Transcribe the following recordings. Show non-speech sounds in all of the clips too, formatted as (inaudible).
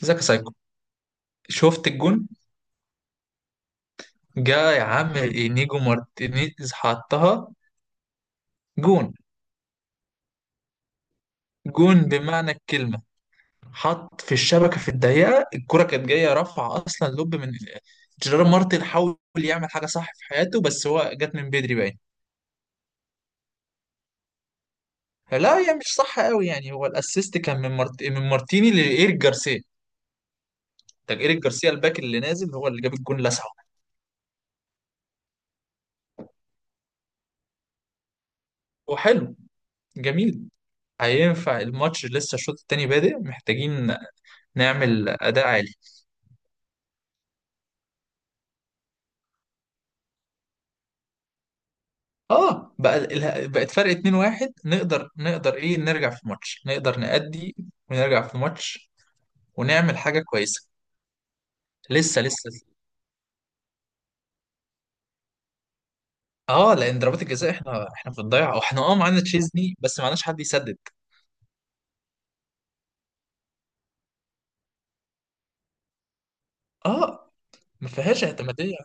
زكا سايكو. شفت الجون جا يا عم. نيجو مارتينيز حطها. جون، جون بمعنى الكلمة. حط في الشبكة في الضيقة، الكرة كانت جاية رفع أصلا لوب من جيرار مارتن. حاول يعمل حاجة صح في حياته بس هو جت من بدري باين. لا هي مش صح قوي يعني، هو الأسيست كان من مارتيني لإيريك جارسيا. ده إيريك جارسيا الباك اللي نازل هو اللي جاب الجون لسعه. وحلو، جميل. هينفع الماتش لسه، الشوط التاني بادئ، محتاجين نعمل أداء عالي. اه بقى بقت فرق 2-1، نقدر، نقدر نرجع في الماتش، نقدر نأدي ونرجع في الماتش ونعمل حاجة كويسة. لسه لسه. اه لان ضربات الجزاء احنا في الضيعة، واحنا اه معانا تشيزني بس معناش حد يسدد. اه ما فيهاش اعتمادية.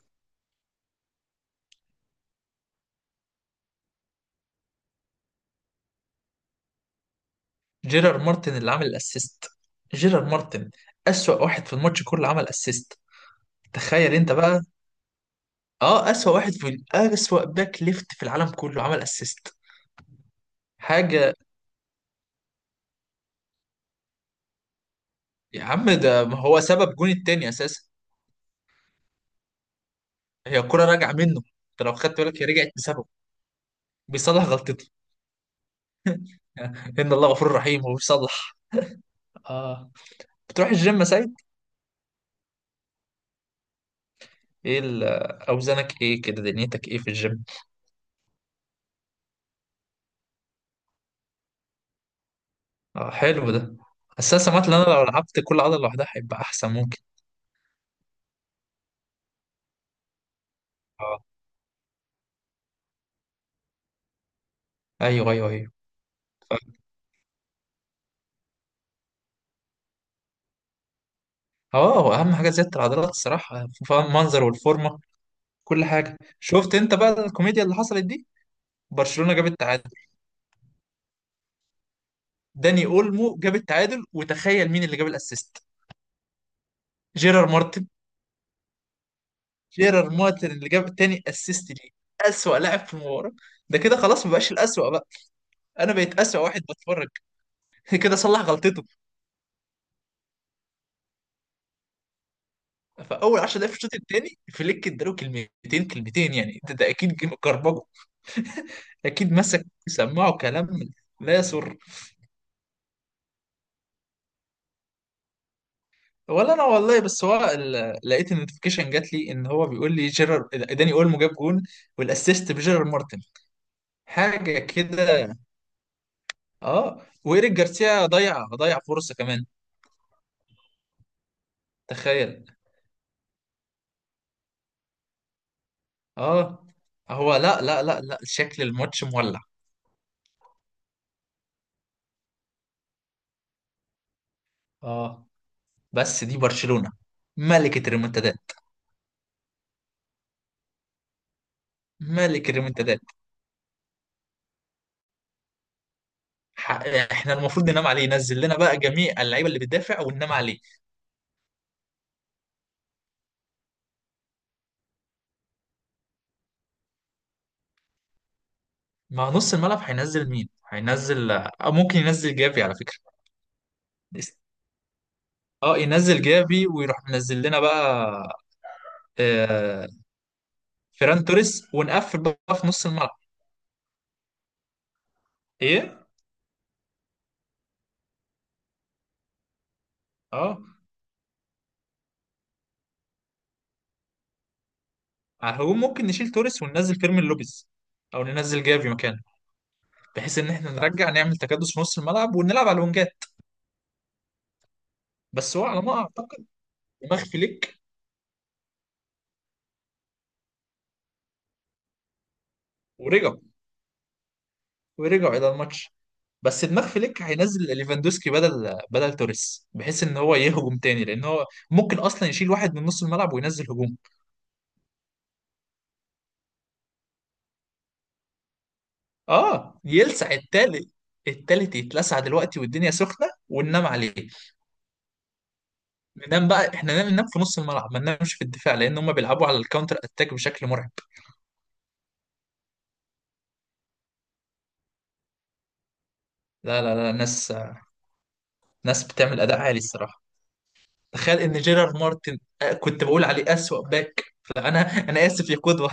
جيرار مارتن اللي عامل الاسيست، جيرار مارتن، اسوأ واحد في الماتش كله عمل اسيست. تخيل انت بقى. اه اسوأ واحد في اسوأ باك ليفت في العالم كله عمل اسيست. حاجة. يا عم ده ما هو سبب جون التاني اساسا. هي الكرة راجعة منه، انت لو خدت بالك هي رجعت بسببه. بيصلح غلطته. (laughs) ان الله غفور رحيم وبيصلح. اه، بتروح الجيم يا سيد؟ ايه ال- آه، اوزانك ايه كده، دنيتك ايه في الجيم؟ اه حلو ده. بس انا سمعت ان انا لو لعبت كل عضلة لوحدها هيبقى احسن، ممكن. اه، ايوه ايوه ايوه. ف- اه هو اهم حاجة زيادة العضلات الصراحة، المنظر والفورمة كل حاجة. شفت انت بقى الكوميديا اللي حصلت دي؟ برشلونة جاب التعادل. داني اولمو جاب التعادل، وتخيل مين اللي جاب الاسيست. جيرار، جيرار مارتن اللي جاب التاني اسيست ليه، اسوأ لاعب في المباراة. ده كده خلاص ما بقاش الاسوأ بقى، انا بقيت اسوأ واحد بتفرج. (laughs) كده صلح غلطته. فاول 10 دقايق في الشوط التاني فليك اداله كلمتين كلمتين يعني، ده اكيد كربجه، اكيد مسك سماعه كلام لا يسر. ولا انا والله، بس هو لقيت النوتيفيكيشن جات لي ان هو بيقول لي جيرار داني اولمو جاب جون والاسيست بجيرار مارتن. حاجه كده. اه وايريك جارسيا ضيع فرصه كمان. تخيل. اه هو، لا لا لا لا شكل الماتش مولع. اه، بس دي برشلونة، ملكة الريمونتادات، ملك الريمونتادات. ح- احنا المفروض ننام عليه، ينزل لنا بقى جميع اللعيبه اللي بتدافع وننام عليه. ما نص الملعب هينزل مين؟ هينزل أو ممكن ينزل جافي على فكرة. اه ينزل جافي ويروح منزل لنا بقى. آه، فيران توريس ونقفل بقى في نص الملعب. ايه. اه هو ممكن نشيل توريس وننزل فيرمين لوبيز، او ننزل جافي مكانه. بحيث ان احنا نرجع نعمل تكدس في نص الملعب ونلعب على الونجات. بس هو على ما اعتقد دماغ فليك. ورجع، ورجعوا الى الماتش. بس دماغ فليك هينزل ليفاندوسكي بدل توريس، بحيث ان هو يهجم تاني، لان هو ممكن اصلا يشيل واحد من نص الملعب وينزل هجوم. اه يلسع التالت. التالت يتلسع دلوقتي والدنيا سخنه، وننام عليه. ننام بقى، احنا ننام في نص الملعب، ما ننامش في الدفاع، لان هم بيلعبوا على الكاونتر اتاك بشكل مرعب. لا لا لا ناس، ناس بتعمل اداء عالي الصراحه. تخيل ان جيرارد مارتن، آه، كنت بقول عليه اسوأ باك، فانا انا اسف يا قدوه.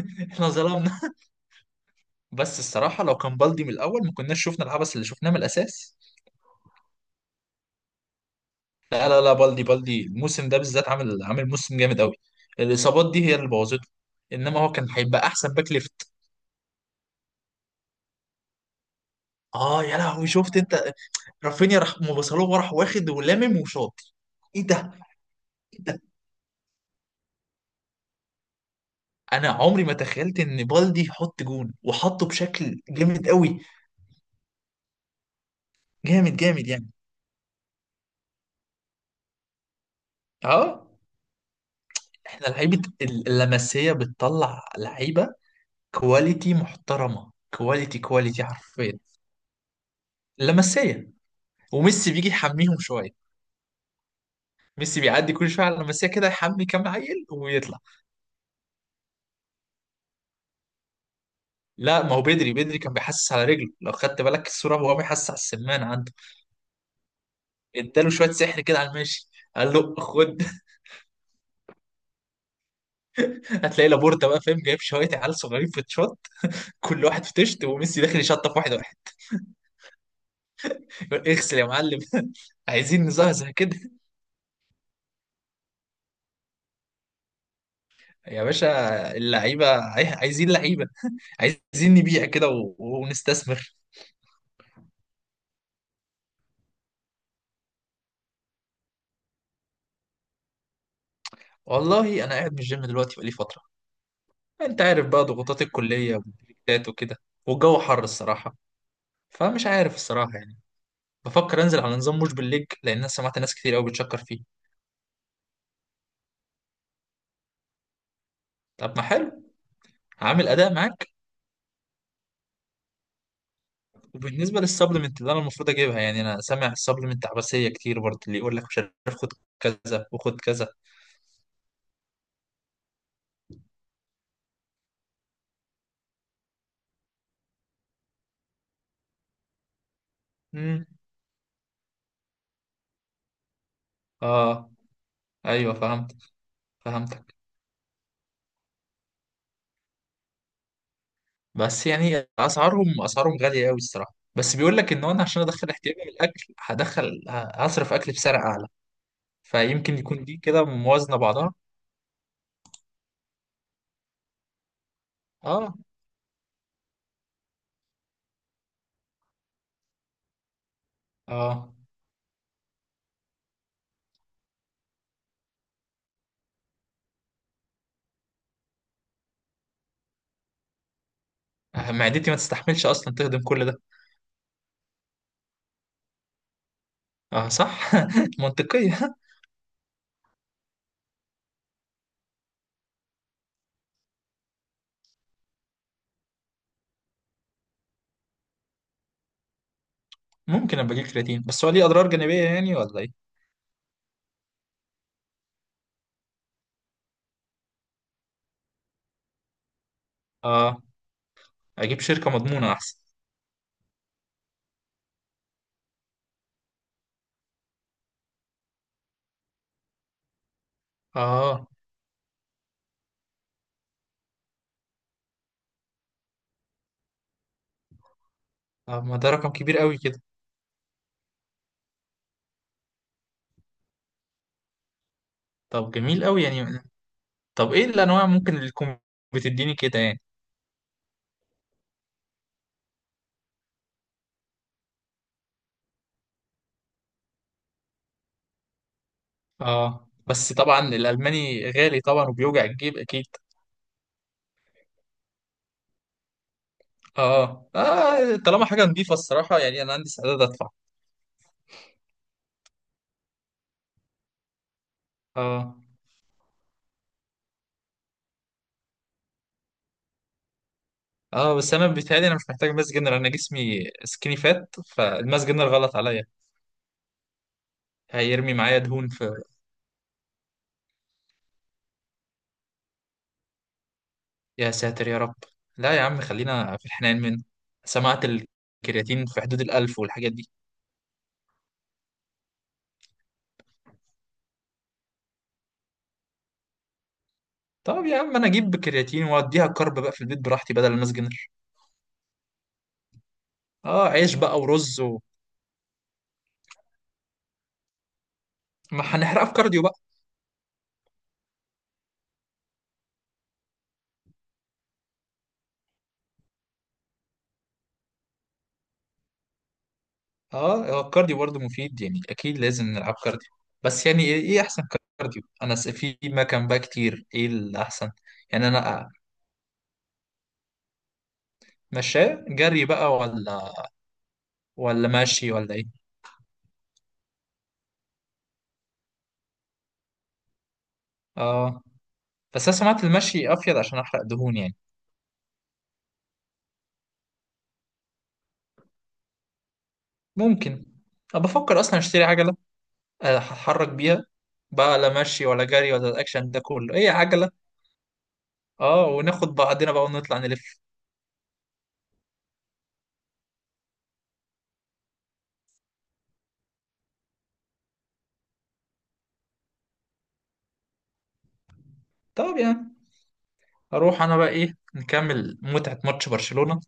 (laughs) احنا ظلمنا. بس الصراحه لو كان بالدي من الاول ما كناش شفنا العبث اللي شفناه من الاساس. لا لا لا بالدي، بالدي الموسم ده بالذات عامل، عامل موسم جامد قوي. الاصابات دي هي اللي بوظته. انما هو كان هيبقى احسن باك ليفت. اه يا لهوي، شفت انت؟ رافينيا راح مبصلوه، راح واخد ولامم وشاط. ايه ده، ايه ده. انا عمري ما تخيلت ان بالدي يحط جون، وحطه بشكل جامد قوي. جامد جامد يعني. اه احنا لعيبة اللمسية بتطلع لعيبة كواليتي محترمة، كواليتي كواليتي حرفيا. اللمسية وميسي بيجي يحميهم شوية. ميسي بيعدي كل شوية على اللمسية كده، يحمي كام عيل ويطلع. لا ما هو بدري، بدري كان بيحسس على رجله، لو خدت بالك الصورة وهو بيحسس على السمان عنده. اداله شوية سحر كده على الماشي، قال له خد. (laughs) هتلاقي لابورتا بقى فاهم جايب شوية عيال صغيرين في تشوت، كل واحد في تشت، وميسي داخل يشطف واحد واحد. يقول اغسل يا معلم. (laughs) عايزين نزهزه كده. يا باشا اللعيبة عايزين لعيبة. (laughs) عايزين نبيع كده ونستثمر. والله أنا قاعد من الجيم دلوقتي بقالي فترة. أنت عارف بقى ضغوطات الكلية والبريكات وكده، والجو حر الصراحة، فمش عارف الصراحة يعني. بفكر أنزل على نظام مش بالليج، لأن أنا سمعت ناس كتير أوي بتشكر فيه. طب ما حلو. عامل أداء معاك. وبالنسبة للسبلمنت اللي أنا المفروض أجيبها، يعني أنا سامع السبلمنت عباسية كتير برضه، اللي يقول لك مش عارف خد كذا وخد كذا. امم، آه، أيوه فهمت، فهمت. بس يعني اسعارهم، اسعارهم غاليه قوي الصراحه، بس بيقول لك ان انا عشان ادخل احتياجي من الاكل هدخل، هصرف اكل بسعر اعلى، فيمكن يكون دي كده موازنه بعضها. اه، اه معدتي ما تستحملش اصلا تهضم كل ده. اه صح. (laughs) منطقيه. ممكن ابقى اجيب كرياتين، بس هو ليه اضرار جانبيه يعني ولا ايه؟ اه، اجيب شركه مضمونه احسن. اه، آه، ما ده رقم كبير قوي كده. طب جميل قوي يعني. طب ايه الانواع ممكن اللي تكون بتديني كده يعني؟ اه بس طبعا الالماني غالي طبعا وبيوجع الجيب اكيد. اه اه طالما حاجه نظيفه الصراحه يعني انا عندي استعداد ادفع. اه، اه بس انا بيتهيألي انا مش محتاج ماس جنرال، انا جسمي سكيني فات، فالماس جنرال غلط عليا، هيرمي معايا دهون في. يا ساتر يا رب. لا يا عم خلينا في الحنان منه. سمعت الكرياتين في حدود 1000 والحاجات دي. طب يا عم انا اجيب كرياتين واديها كارب بقى في البيت براحتي بدل الماس جنرال. اه عيش بقى ورز و... ما هنحرقها في كارديو. اه هو الكارديو برضه مفيد يعني، اكيد لازم نلعب كارديو. بس يعني إيه احسن كارديو؟ انا في ما كان بقى كتير، ايه الاحسن يعني؟ انا مشاه جري بقى ولا، ولا ماشي، ولا ايه؟ اه بس انا سمعت المشي افيد عشان احرق دهون يعني. ممكن. انا بفكر اصلا اشتري عجله، آه، هتحرك بيها بقى، لا مشي ولا جري ولا الاكشن ده كله، ايه عجله. اه، وناخد بعضنا بقى ونطلع نلف. طب يعني اروح انا بقى، ايه، نكمل متعه ماتش برشلونه.